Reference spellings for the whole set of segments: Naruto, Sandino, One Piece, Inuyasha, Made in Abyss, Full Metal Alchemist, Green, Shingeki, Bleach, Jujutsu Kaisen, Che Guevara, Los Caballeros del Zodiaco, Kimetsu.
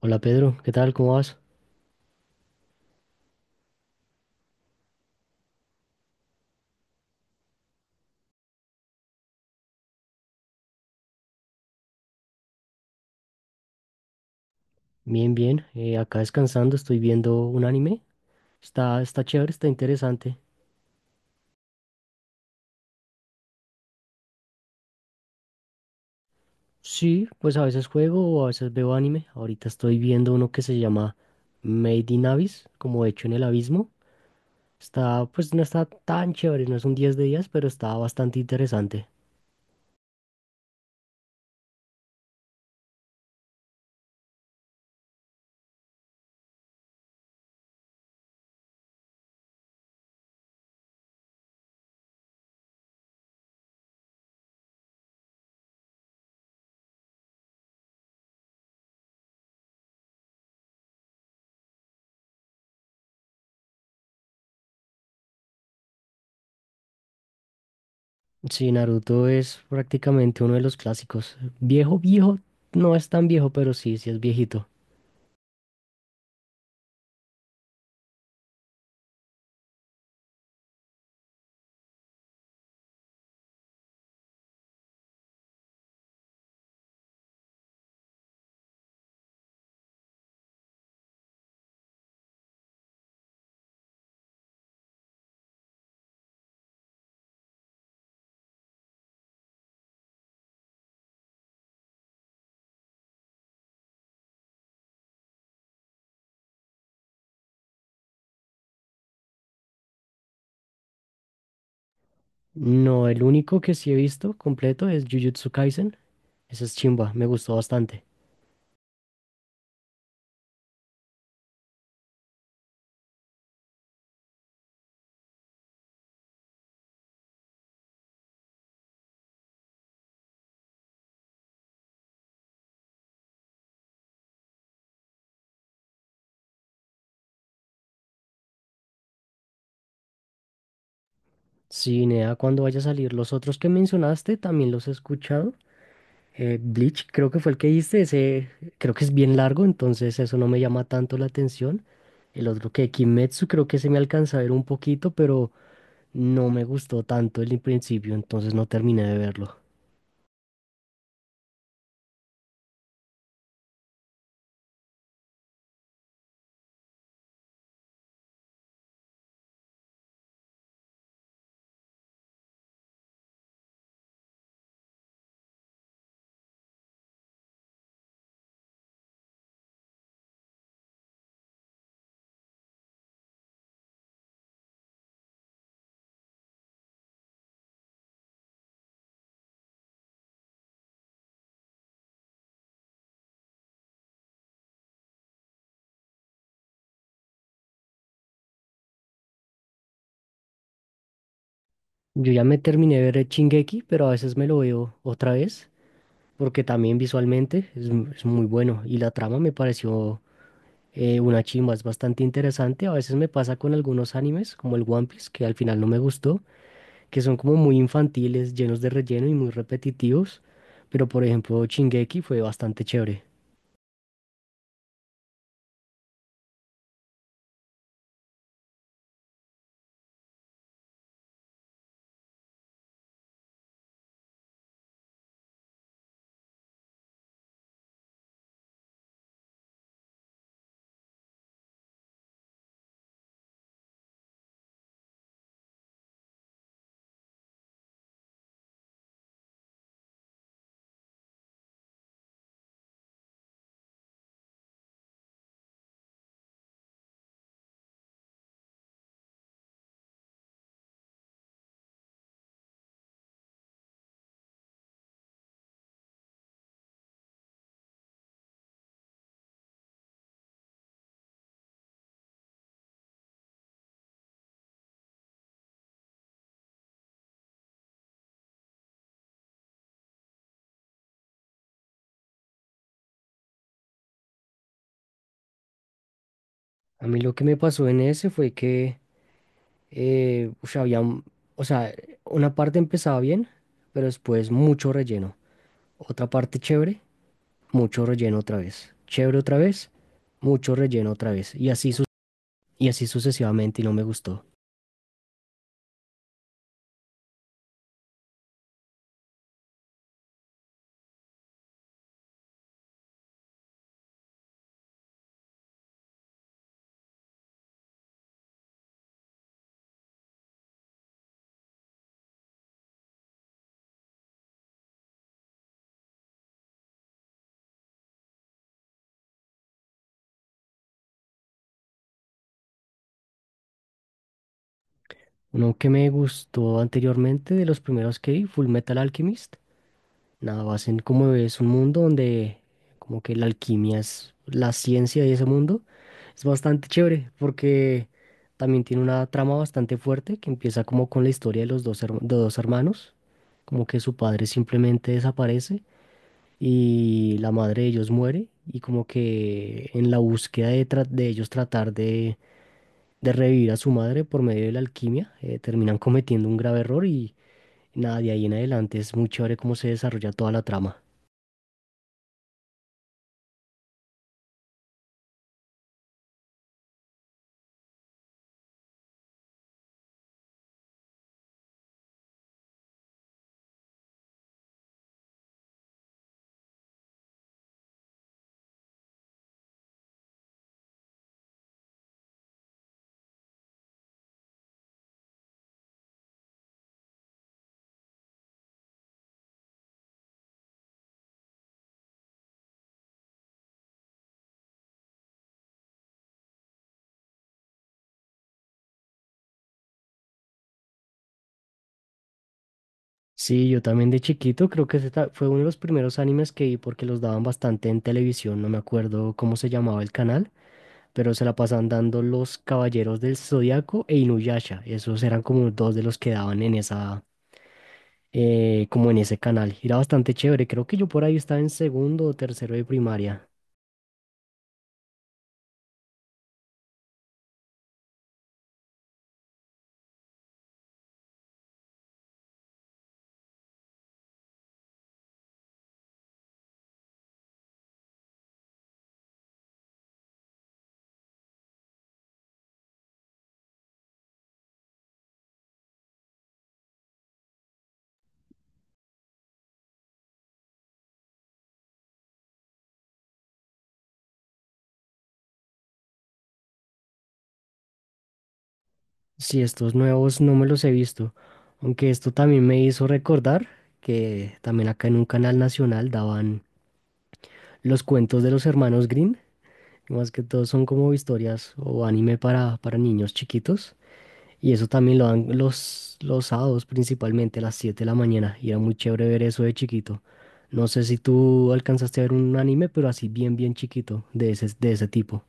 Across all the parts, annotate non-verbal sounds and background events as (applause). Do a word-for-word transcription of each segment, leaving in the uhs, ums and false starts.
Hola Pedro, ¿qué tal? ¿Cómo vas? Bien, bien. Eh, acá descansando, estoy viendo un anime. Está, está chévere, está interesante. Sí, pues a veces juego o a veces veo anime. Ahorita estoy viendo uno que se llama Made in Abyss, como hecho en el abismo. Está, pues no está tan chévere, no es un diez de diez, pero está bastante interesante. Sí, Naruto es prácticamente uno de los clásicos. Viejo, viejo, no es tan viejo, pero sí, sí es viejito. No, el único que sí he visto completo es Jujutsu Kaisen. Esa es chimba, me gustó bastante. Sí, Nea, cuando vaya a salir, los otros que mencionaste también los he escuchado. Eh, Bleach, creo que fue el que hice, ese creo que es bien largo, entonces eso no me llama tanto la atención. El otro que Kimetsu, creo que se me alcanza a ver un poquito, pero no me gustó tanto el principio, entonces no terminé de verlo. Yo ya me terminé de ver el Shingeki, pero a veces me lo veo otra vez, porque también visualmente es, es muy bueno y la trama me pareció eh, una chimba, es bastante interesante. A veces me pasa con algunos animes, como el One Piece, que al final no me gustó, que son como muy infantiles, llenos de relleno y muy repetitivos. Pero por ejemplo, Shingeki fue bastante chévere. A mí lo que me pasó en ese fue que, eh, ush, había, m- o sea, una parte empezaba bien, pero después mucho relleno. Otra parte chévere, mucho relleno otra vez. Chévere otra vez, mucho relleno otra vez. Y así, su- y así sucesivamente y no me gustó. Uno que me gustó anteriormente, de los primeros que vi, Full Metal Alchemist. Nada más en como es un mundo donde como que la alquimia es la ciencia de ese mundo. Es bastante chévere porque también tiene una trama bastante fuerte que empieza como con la historia de los dos, herma- de dos hermanos, como que su padre simplemente desaparece y la madre de ellos muere y como que en la búsqueda de, tra- de ellos tratar de, de revivir a su madre por medio de la alquimia, eh, terminan cometiendo un grave error. Nada, de ahí en adelante es muy chévere cómo se desarrolla toda la trama. Sí, yo también de chiquito creo que ese ta- fue uno de los primeros animes que vi porque los daban bastante en televisión, no me acuerdo cómo se llamaba el canal, pero se la pasaban dando Los Caballeros del Zodiaco e Inuyasha. Esos eran como dos de los que daban en esa, eh, como en ese canal. Era bastante chévere, creo que yo por ahí estaba en segundo o tercero de primaria. Sí, estos nuevos no me los he visto, aunque esto también me hizo recordar que también acá en un canal nacional daban los cuentos de los hermanos Green, más que todo son como historias o anime para, para niños chiquitos, y eso también lo dan los, los sábados principalmente a las siete de la mañana, y era muy chévere ver eso de chiquito. No sé si tú alcanzaste a ver un anime, pero así bien, bien chiquito, de ese, de ese tipo.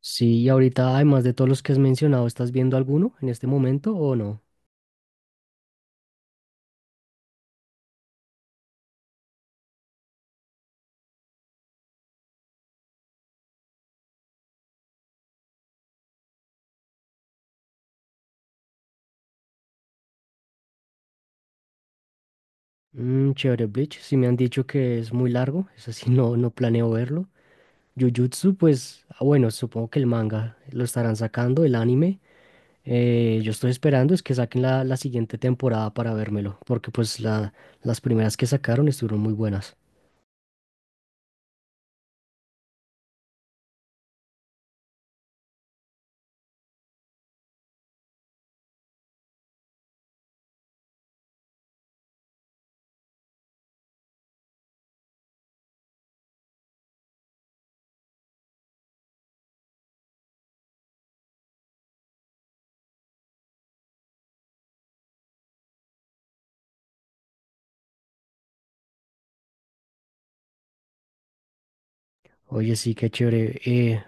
Sí, y ahorita, además de todos los que has mencionado, ¿estás viendo alguno en este momento o no? Mm, chévere, Bleach. Si me han dicho que es muy largo, es así, (laughs) no, no planeo verlo. Jujutsu, pues, ah, bueno, supongo que el manga lo estarán sacando, el anime. Eh, yo estoy esperando es que saquen la, la siguiente temporada para vérmelo, porque pues la, las primeras que sacaron estuvieron muy buenas. Oye, sí, qué chévere. Eh,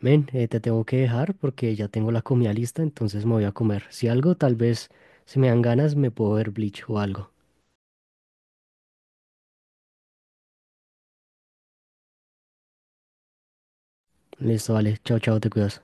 men, eh, te tengo que dejar porque ya tengo la comida lista, entonces me voy a comer. Si algo, tal vez, si me dan ganas, me puedo ver Bleach o algo. Listo, vale. Chao, chao, te cuidas.